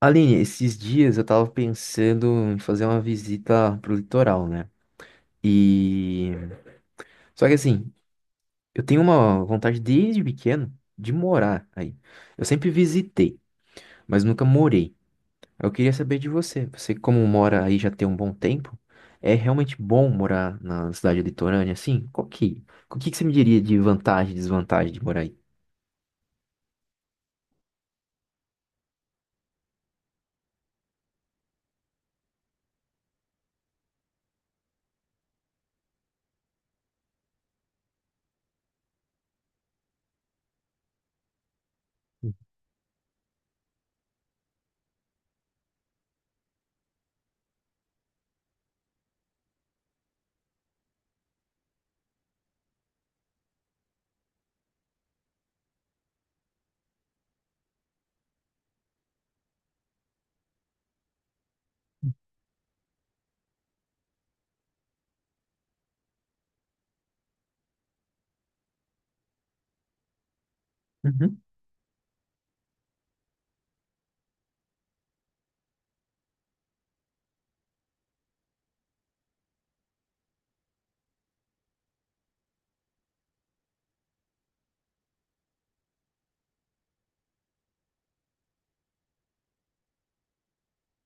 Aline, esses dias eu tava pensando em fazer uma visita pro litoral, né? E. Só que assim, eu tenho uma vontade desde pequeno de morar aí. Eu sempre visitei, mas nunca morei. Eu queria saber de você. Você, como mora aí já tem um bom tempo, é realmente bom morar na cidade litorânea assim? O que que você me diria de vantagem e desvantagem de morar aí?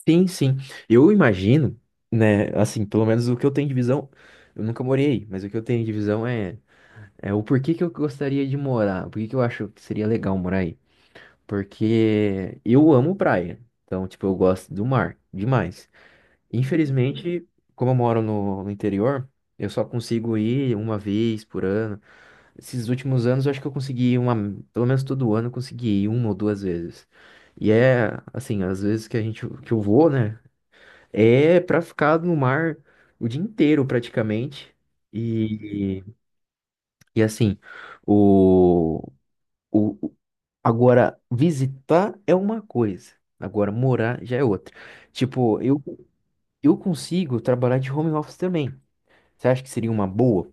Sim, sim. Eu imagino, né, assim, pelo menos o que eu tenho de visão, eu nunca morei aí, mas o que eu tenho de visão é o porquê que eu gostaria de morar, por que que eu acho que seria legal morar aí. Porque eu amo praia, então, tipo, eu gosto do mar demais. Infelizmente, como eu moro no interior, eu só consigo ir uma vez por ano. Esses últimos anos, eu acho que eu consegui ir uma, pelo menos todo ano, eu consegui ir uma ou duas vezes. E é assim, às vezes que a gente que eu vou, né? É pra ficar no mar o dia inteiro praticamente. E, e assim, o, o o- agora visitar é uma coisa, agora morar já é outra. Tipo, eu consigo trabalhar de home office também. Você acha que seria uma boa?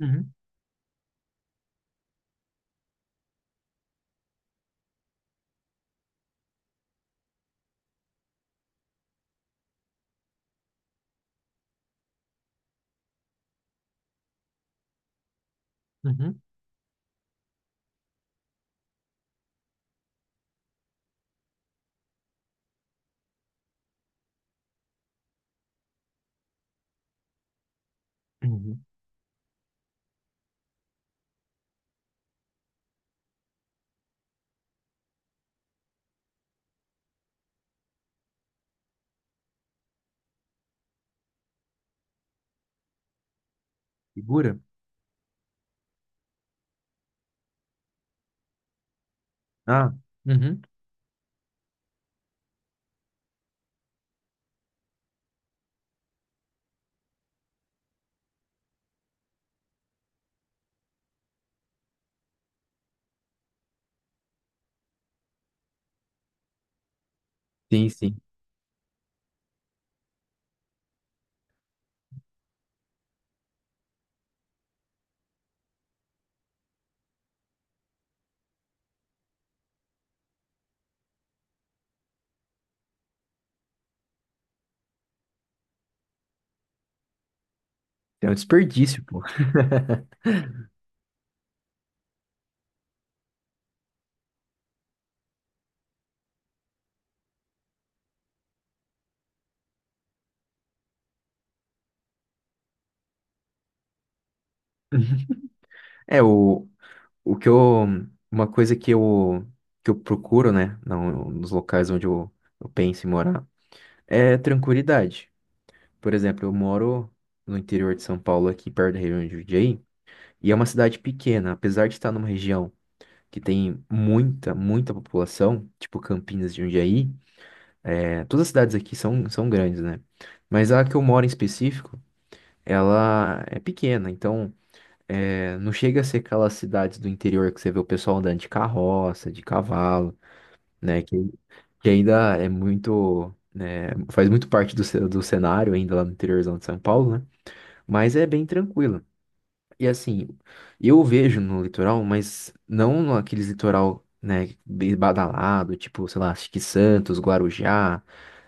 Uhum, uhum, uhum. Segura? Ah, uhum. Sim, sim. É um desperdício, pô. É o O que eu, uma coisa que eu procuro, né, nos locais onde eu penso em morar, é tranquilidade. Por exemplo, eu moro no interior de São Paulo, aqui perto da região de Jundiaí, e é uma cidade pequena, apesar de estar numa região que tem muita, muita população, tipo Campinas de Jundiaí, todas as cidades aqui são grandes, né? Mas a que eu moro em específico, ela é pequena, então não chega a ser aquelas cidades do interior que você vê o pessoal andando de carroça, de cavalo, né? Que ainda é muito, né, faz muito parte do cenário ainda lá no interiorzão de São Paulo, né? Mas é bem tranquilo. E assim, eu vejo no litoral, mas não aqueles litoral, né, bem badalado, tipo, sei lá, Chique Santos, Guarujá,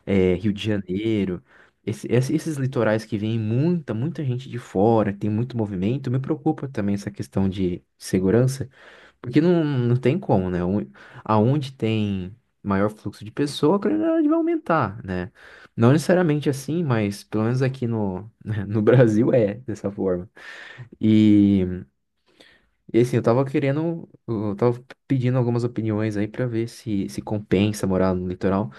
Rio de Janeiro. Esses litorais que vem muita, muita gente de fora, que tem muito movimento, me preocupa também essa questão de segurança, porque não tem como, né? Aonde tem maior fluxo de pessoa, a criminalidade vai aumentar, né? Não necessariamente assim, mas pelo menos aqui no, no Brasil é dessa forma. E. E assim, eu tava querendo, eu tava pedindo algumas opiniões aí pra ver se compensa morar no litoral.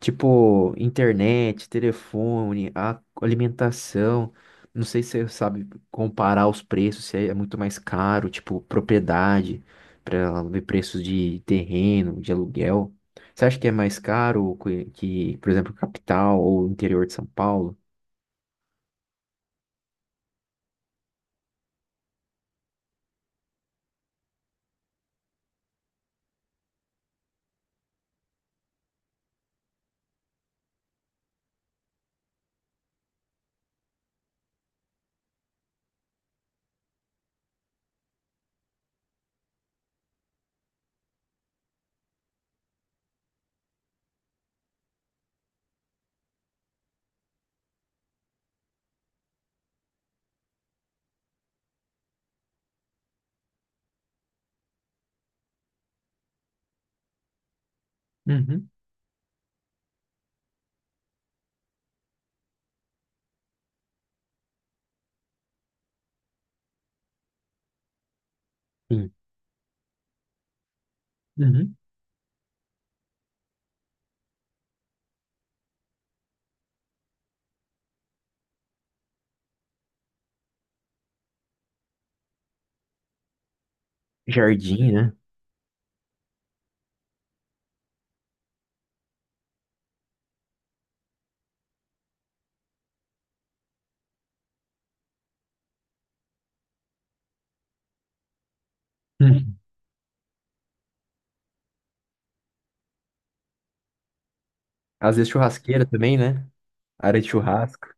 Tipo, internet, telefone, a alimentação. Não sei se você sabe comparar os preços, se é muito mais caro, tipo, propriedade, pra ver preços de terreno, de aluguel. Você acha que é mais caro que, por exemplo, capital ou interior de São Paulo? Uhum. Sim. Uhum. Jardim, né? Uhum. Às vezes churrasqueira também, né? Área de churrasco.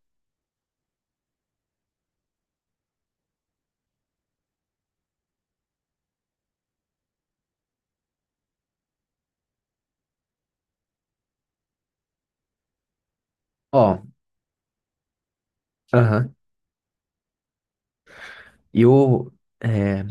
Ó, aham. E é,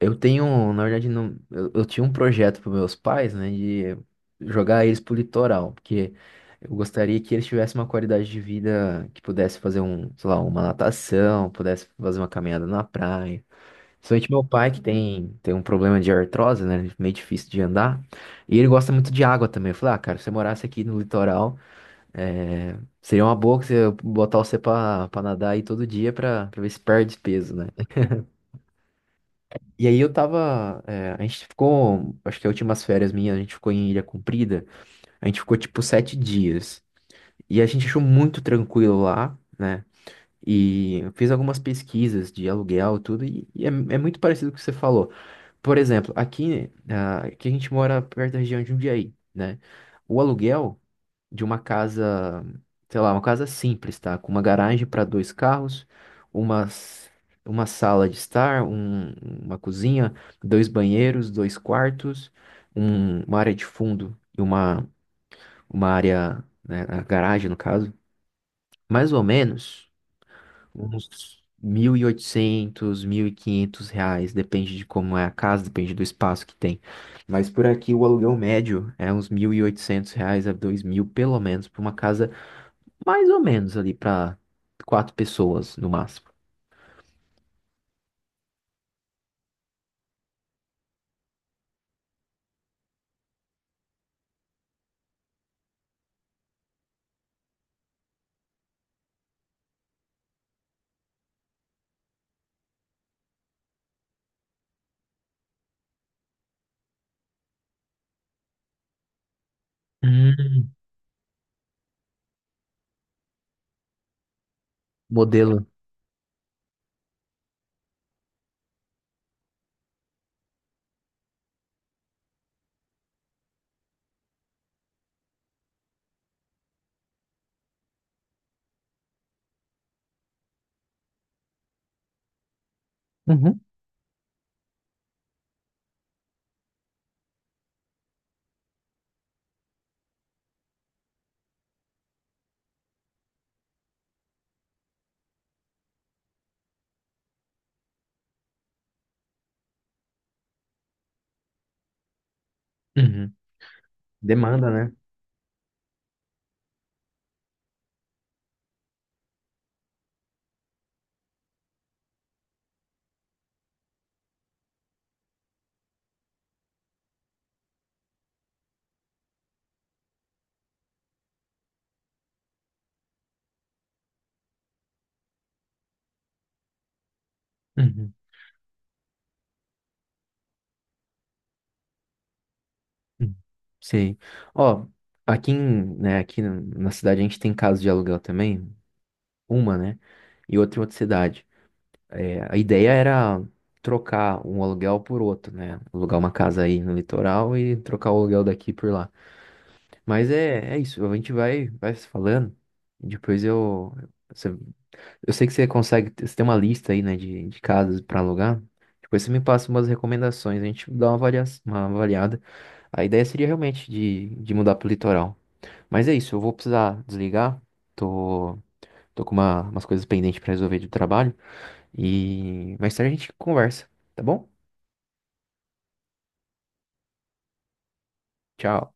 eu tenho, na verdade, não, eu tinha um projeto para meus pais, né, de jogar eles pro litoral, porque eu gostaria que eles tivessem uma qualidade de vida que pudesse fazer um, sei lá, uma natação, pudesse fazer uma caminhada na praia. Principalmente meu pai, que tem um problema de artrose, né, meio difícil de andar, e ele gosta muito de água também. Eu falei, ah, cara, se você morasse aqui no litoral, É, seria uma boa que você botar você pra, pra, nadar aí todo dia pra ver se perde peso, né? E aí eu tava. A gente ficou. Acho que as últimas férias minhas, a gente ficou em Ilha Comprida. A gente ficou tipo sete dias. E a gente achou muito tranquilo lá, né? E eu fiz algumas pesquisas de aluguel, e tudo, e é muito parecido com o que você falou. Por exemplo, aqui a gente mora perto da região de Jundiaí, né? O aluguel de uma casa, sei lá, uma casa simples, tá? Com uma garagem para dois carros, uma, s- uma sala de estar, uma cozinha, dois banheiros, dois quartos, uma área de fundo e uma área, né, a garagem no caso, mais ou menos uns mil e oitocentos, mil e quinhentos reais, depende de como é a casa, depende do espaço que tem. Mas por aqui o aluguel médio é uns 1.800 reais a 2.000 pelo menos, para uma casa mais ou menos ali pra quatro pessoas no máximo. Hum. Modelo. Uhum. Uhum. Demanda, né? Uhum. Uhum. Sim. Ó, aqui, né, aqui na cidade a gente tem casa de aluguel também, uma, né? E outra em outra cidade. É, a ideia era trocar um aluguel por outro, né? Alugar uma casa aí no litoral e trocar o aluguel daqui por lá. Mas é isso, a gente vai se falando. Depois eu, você Eu sei que você consegue, você tem uma lista aí, né, de casas pra alugar. Depois você me passa umas recomendações, a gente dá uma avalia, uma avaliada. A ideia seria realmente de, mudar pro litoral. Mas é isso, eu vou precisar desligar. Tô, tô com umas coisas pendentes pra resolver do trabalho. E mais tarde a gente conversa, tá bom? Tchau.